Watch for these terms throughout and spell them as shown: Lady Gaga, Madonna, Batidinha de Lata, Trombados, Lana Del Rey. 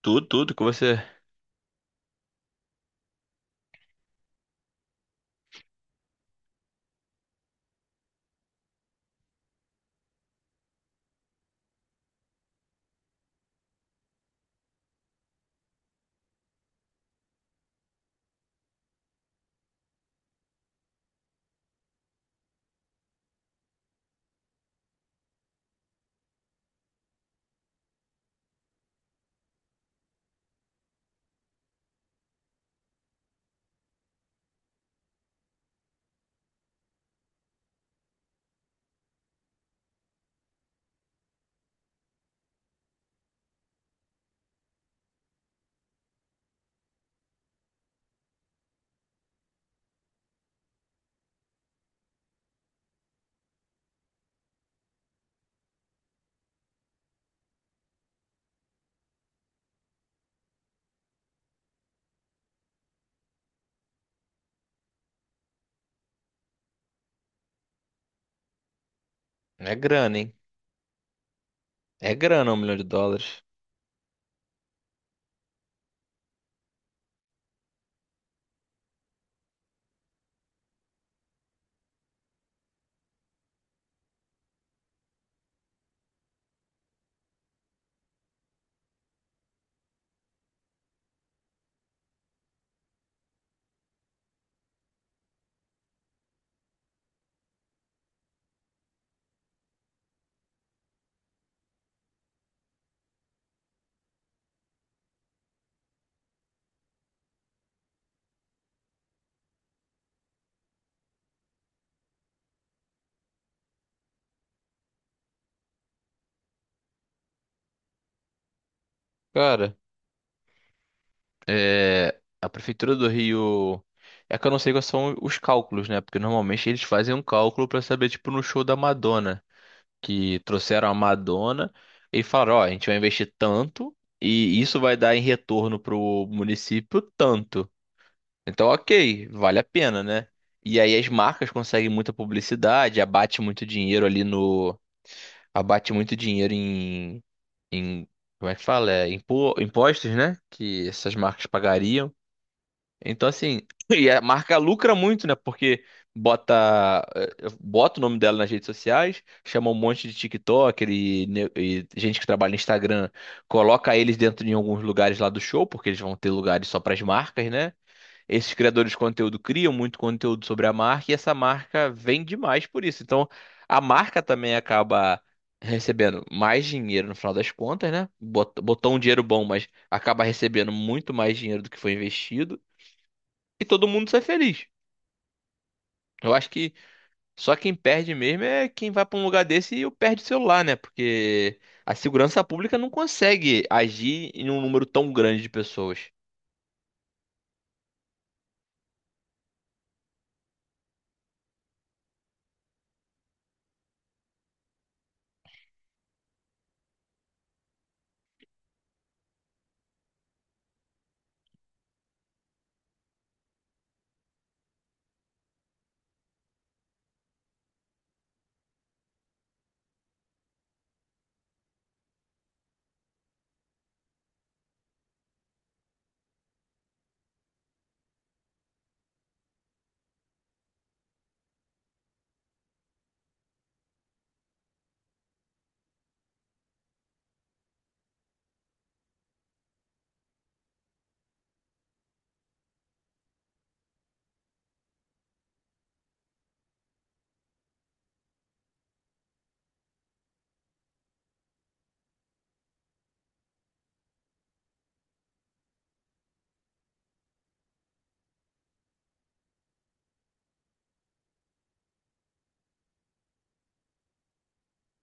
Tudo, tudo que você. É grana, hein? É grana, US$ 1 milhão. Cara, é. A Prefeitura do Rio. É que eu não sei quais são os cálculos, né? Porque normalmente eles fazem um cálculo pra saber, tipo, no show da Madonna. Que trouxeram a Madonna e falaram: ó, a gente vai investir tanto e isso vai dar em retorno pro município tanto. Então, ok, vale a pena, né? E aí as marcas conseguem muita publicidade, abate muito dinheiro ali no. Abate muito dinheiro em como é que fala? É, impostos, né? Que essas marcas pagariam. Então, assim, e a marca lucra muito, né? Porque bota, eh, bota o nome dela nas redes sociais, chama um monte de TikTok e gente que trabalha no Instagram, coloca eles dentro de alguns lugares lá do show, porque eles vão ter lugares só para as marcas, né? Esses criadores de conteúdo criam muito conteúdo sobre a marca e essa marca vende mais por isso. Então, a marca também acaba recebendo mais dinheiro no final das contas, né? Botou um dinheiro bom, mas acaba recebendo muito mais dinheiro do que foi investido e todo mundo sai feliz. Eu acho que só quem perde mesmo é quem vai para um lugar desse e perde o celular, né? Porque a segurança pública não consegue agir em um número tão grande de pessoas.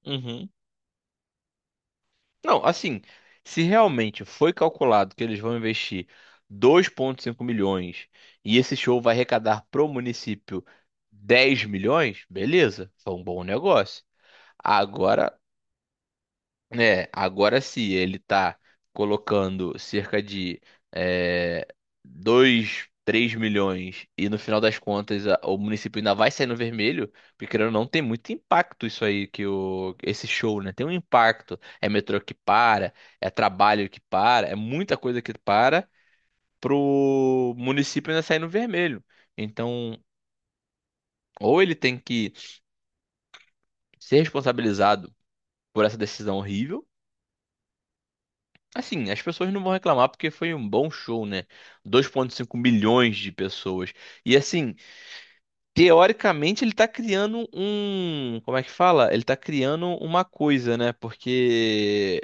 Uhum. Não, assim, se realmente foi calculado que eles vão investir 2,5 milhões e esse show vai arrecadar pro município 10 milhões, beleza, foi um bom negócio. Agora agora se ele tá colocando cerca de é, 2, 3 milhões e no final das contas o município ainda vai sair no vermelho, porque querendo ou não tem muito impacto isso aí que esse show, né? Tem um impacto. É metrô que para, é trabalho que para, é muita coisa que para pro município ainda sair no vermelho. Então, ou ele tem que ser responsabilizado por essa decisão horrível, as pessoas não vão reclamar porque foi um bom show, né? 2,5 milhões de pessoas. E assim, teoricamente ele tá criando um. Como é que fala? Ele tá criando uma coisa, né? Porque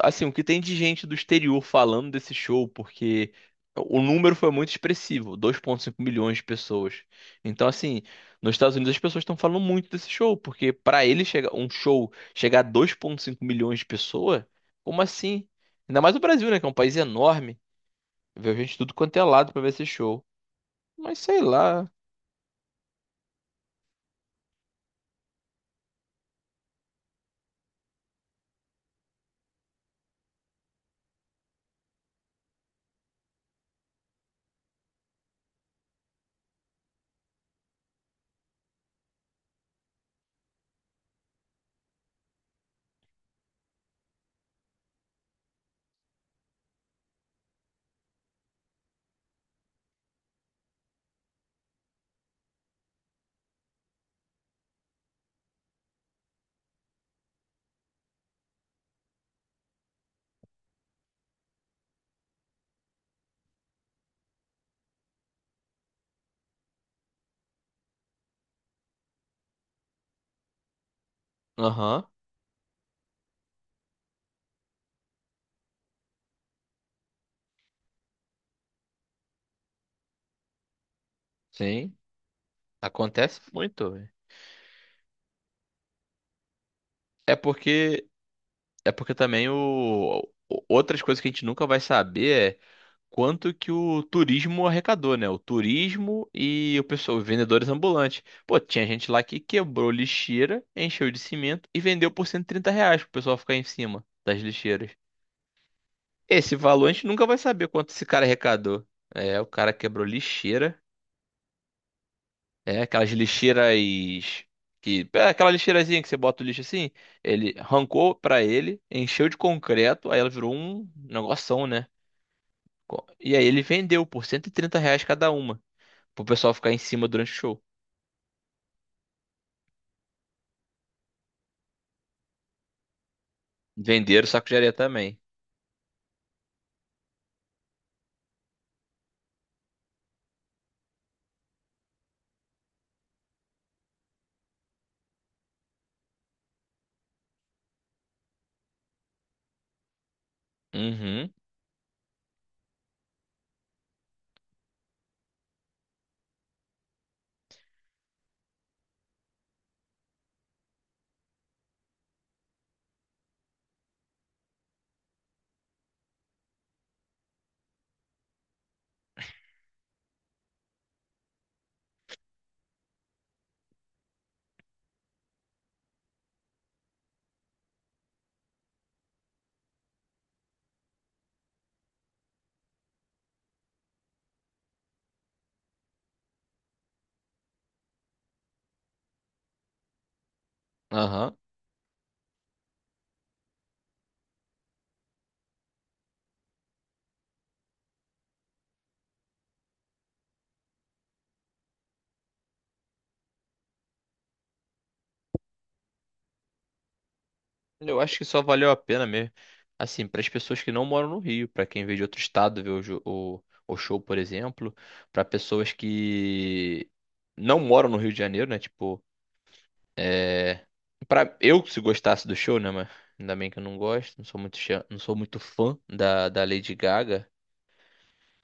assim, o que tem de gente do exterior falando desse show, porque o número foi muito expressivo, 2,5 milhões de pessoas. Então, assim, nos Estados Unidos as pessoas estão falando muito desse show, porque para ele chegar um show chegar a 2,5 milhões de pessoas, como assim? Ainda mais o Brasil, né, que é um país enorme, veio gente de tudo quanto é lado para ver esse show. Mas sei lá. Aham, sim, acontece muito, velho. É porque é porque também outras coisas que a gente nunca vai saber quanto que o turismo arrecadou, né? O turismo e o pessoal, os vendedores ambulantes. Pô, tinha gente lá que quebrou lixeira, encheu de cimento e vendeu por R$ 130 pro pessoal ficar em cima das lixeiras. Esse valor a gente nunca vai saber quanto esse cara arrecadou. É, o cara quebrou lixeira. É, É aquela lixeirazinha que você bota o lixo assim. Ele arrancou pra ele, encheu de concreto, aí ela virou um negoção, né? E aí ele vendeu por R$ 130 cada uma pro pessoal ficar em cima durante o show. Venderam saco de areia também. Uhum, aham. Eu acho que só valeu a pena mesmo. Assim, para as pessoas que não moram no Rio, para quem veio de outro estado ver o show, por exemplo, para pessoas que não moram no Rio de Janeiro, né? Tipo, para eu se gostasse do show, né? Mas ainda bem que eu não gosto, não sou muito fã da Lady Gaga.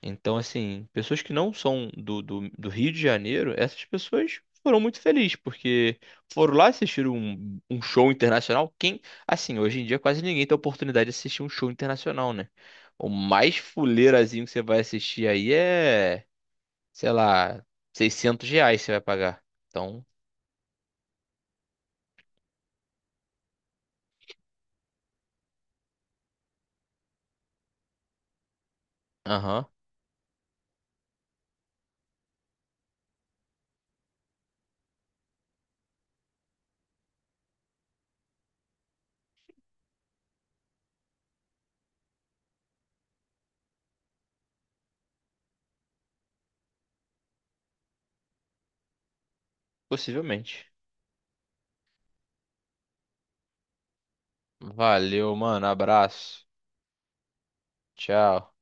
Então, assim, pessoas que não são do Rio de Janeiro, essas pessoas foram muito felizes, porque foram lá assistir um show internacional. Quem, assim, hoje em dia quase ninguém tem a oportunidade de assistir um show internacional, né? O mais fuleirazinho que você vai assistir aí é, sei lá, R$ 600 você vai pagar. Então, aham, possivelmente. Valeu, mano, abraço. Tchau.